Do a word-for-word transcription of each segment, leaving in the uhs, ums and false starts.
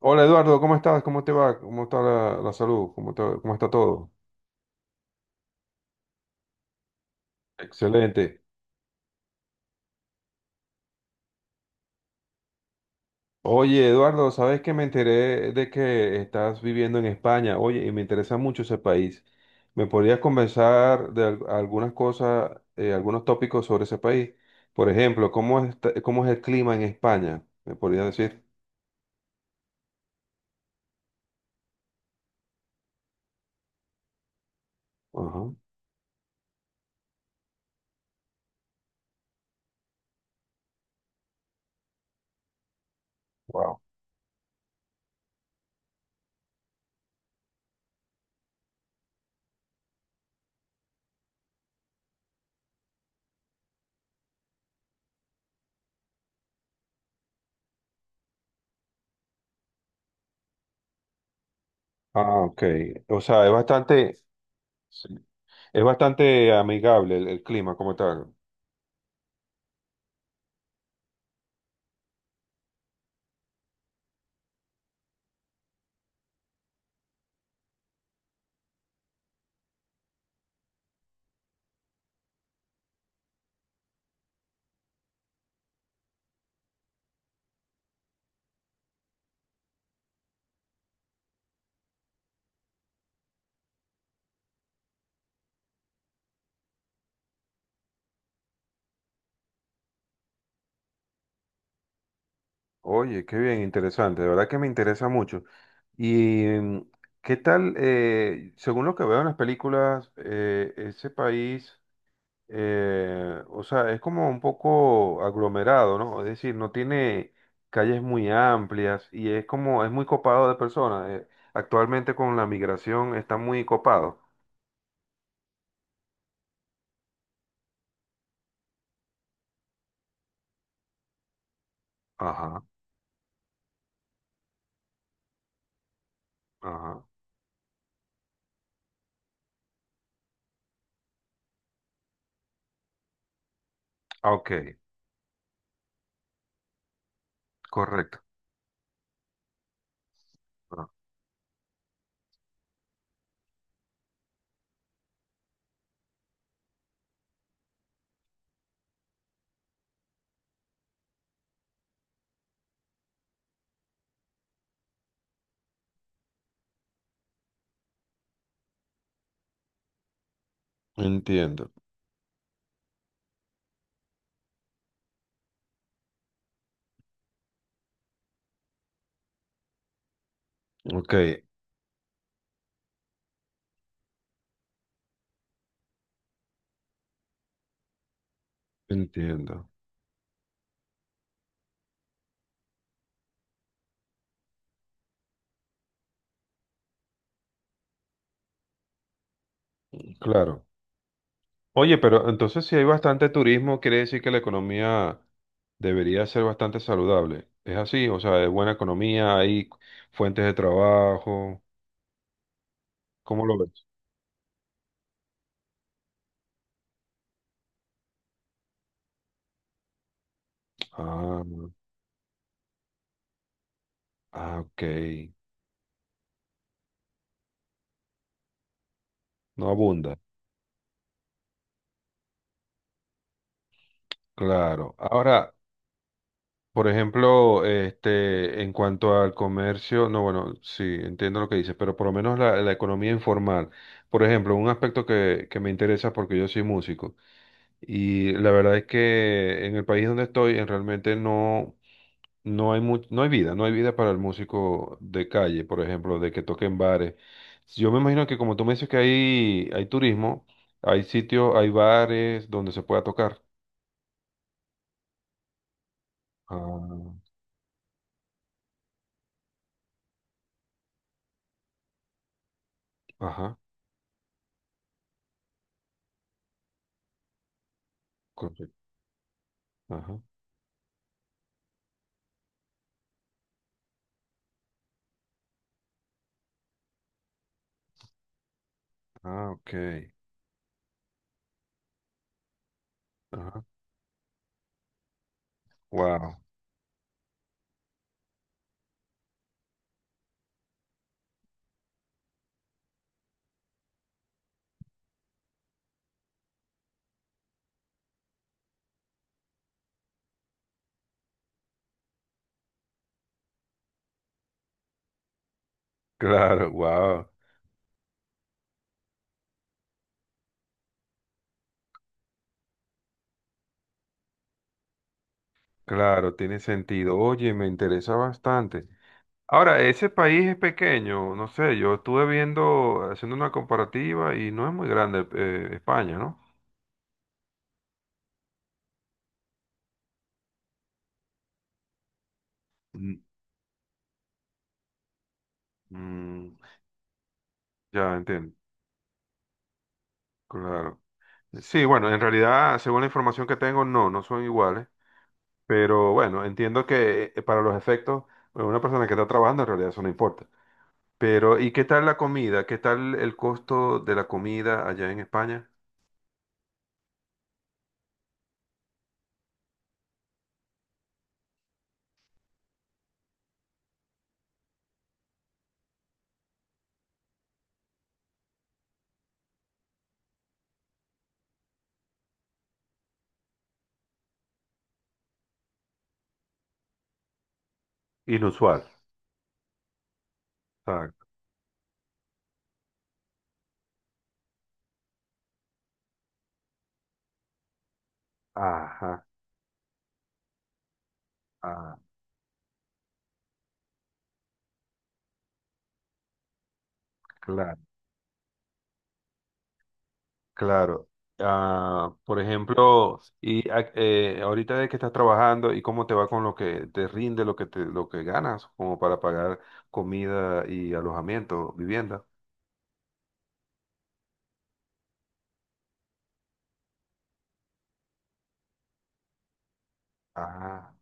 Hola Eduardo, ¿cómo estás? ¿Cómo te va? ¿Cómo está la, la salud? ¿Cómo, te- Cómo está todo? Excelente. Oye Eduardo, ¿sabes que me enteré de que estás viviendo en España? Oye, y me interesa mucho ese país. ¿Me podrías conversar de al- algunas cosas, eh, algunos tópicos sobre ese país? Por ejemplo, ¿cómo es, cómo es el clima en España? ¿Me podrías decir? Ajá. Wow. Ah, ok. O sea, es bastante, sí, es bastante amigable el el clima como tal. Oye, qué bien, interesante, de verdad que me interesa mucho. ¿Y mm, qué tal, eh, según lo que veo en las películas, eh, ese país, eh, o sea, es como un poco aglomerado, ¿no? Es decir, no tiene calles muy amplias y es como, es muy copado de personas. Eh, actualmente con la migración está muy copado. Ajá, ajá. Ah, ok, correcto. Ah, entiendo, ok, entiendo. Claro. Oye, pero entonces si hay bastante turismo, quiere decir que la economía debería ser bastante saludable. ¿Es así? O sea, es buena economía, hay fuentes de trabajo. ¿Cómo lo ves? Ah, ah, ok. No abunda. Claro. Ahora, por ejemplo, este, en cuanto al comercio, no, bueno, sí, entiendo lo que dices, pero por lo menos la, la economía informal. Por ejemplo, un aspecto que, que me interesa porque yo soy músico. Y la verdad es que en el país donde estoy, en realmente no, no hay mu- no hay vida, no hay vida para el músico de calle, por ejemplo, de que toque en bares. Yo me imagino que como tú me dices que hay, hay turismo, hay sitios, hay bares donde se pueda tocar. Ah, ajá, correcto. Ajá. Ah, ok. Ajá. Wow. Claro, wow. Claro, tiene sentido. Oye, me interesa bastante. Ahora, ese país es pequeño, no sé, yo estuve viendo, haciendo una comparativa y no es muy grande eh, España, ¿no? Mm, Mm, ya entiendo, claro. Sí, bueno, en realidad, según la información que tengo, no, no son iguales, pero bueno, entiendo que eh, para los efectos, bueno, una persona que está trabajando en realidad eso no importa. Pero, ¿y qué tal la comida? ¿Qué tal el costo de la comida allá en España? Inusual. Exacto. Ajá, ah, claro. Claro. Ah, por ejemplo, y a- eh, ahorita de que estás trabajando y cómo te va con lo que te rinde, lo que te, lo que ganas, como para pagar comida y alojamiento, vivienda. Ah,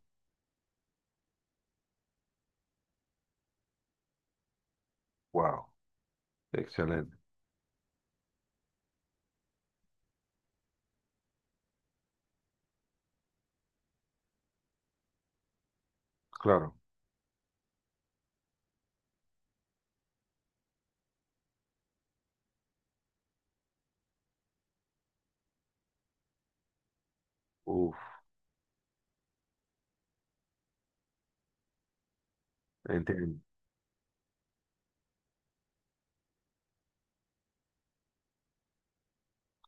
wow. Excelente. Claro. Uf, entiendo.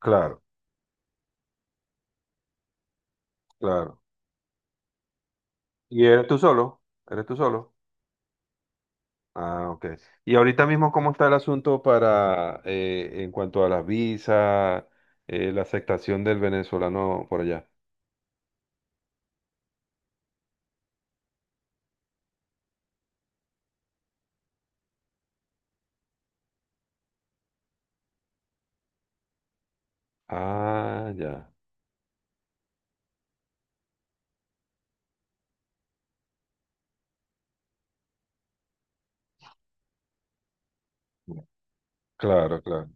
Claro, claro. ¿Y eres tú solo? ¿Eres tú solo? Ah, ok. ¿Y ahorita mismo cómo está el asunto para eh, en cuanto a las visas, eh, la aceptación del venezolano por allá? Ah, ya. Claro, claro,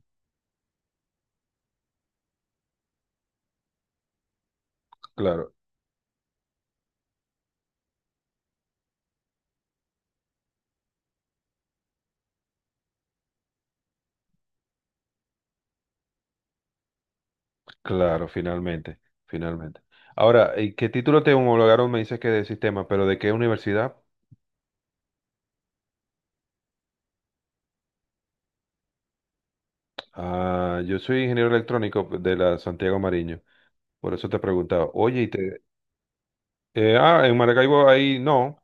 claro, claro, finalmente, finalmente. Ahora, ¿y ¿qué título te homologaron? Me dices que de sistema, pero ¿de qué universidad? Ah, yo soy ingeniero electrónico de la Santiago Mariño, por eso te preguntaba. Oye, y te... eh, ah, en Maracaibo ahí no,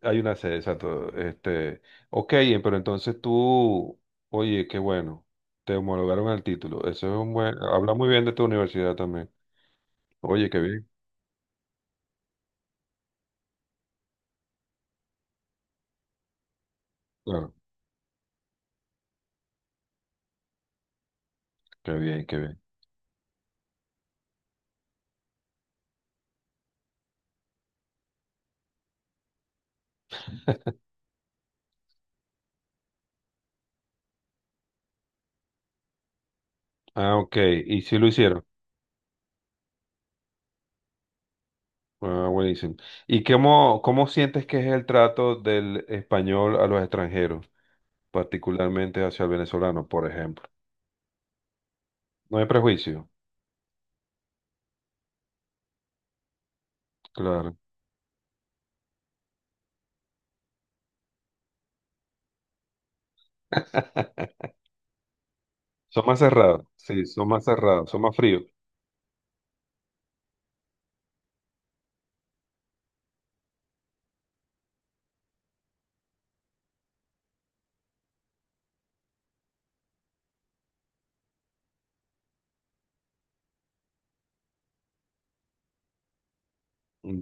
hay una sede, exacto. Este, ok, eh, pero entonces tú, oye, qué bueno, te homologaron el título. Eso es un buen, habla muy bien de tu universidad también. Oye, qué bien, claro, qué bien, qué bien. Ah, ok, ¿y si lo hicieron? Ah, buenísimo. ¿Y cómo, cómo sientes que es el trato del español a los extranjeros, particularmente hacia el venezolano, por ejemplo? No hay prejuicio, claro. Son más cerrados, sí, son más cerrados, son más fríos.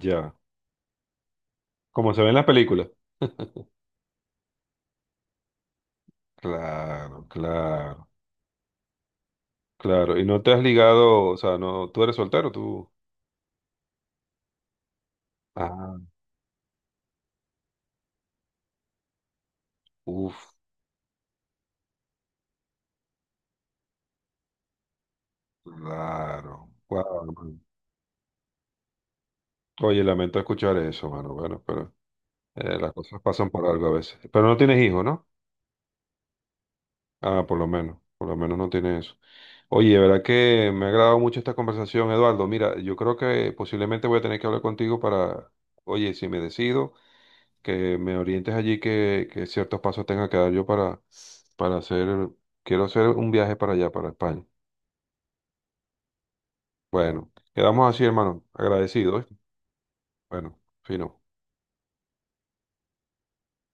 Ya, como se ve en las películas. Claro, claro, claro. ¿Y no te has ligado, o sea, no, tú eres soltero, tú? Ah, uff, claro. Wow, oye, lamento escuchar eso, mano. Bueno, pero Eh, las cosas pasan por algo a veces. Pero no tienes hijos, ¿no? Ah, por lo menos, por lo menos no tienes eso. Oye, de verdad que me ha agradado mucho esta conversación, Eduardo. Mira, yo creo que posiblemente voy a tener que hablar contigo para, oye, si me decido, que me orientes allí, que, que ciertos pasos tenga que dar yo para, para hacer, quiero hacer un viaje para allá, para España. Bueno, quedamos así, hermano. Agradecido, ¿oíste? Bueno, fino.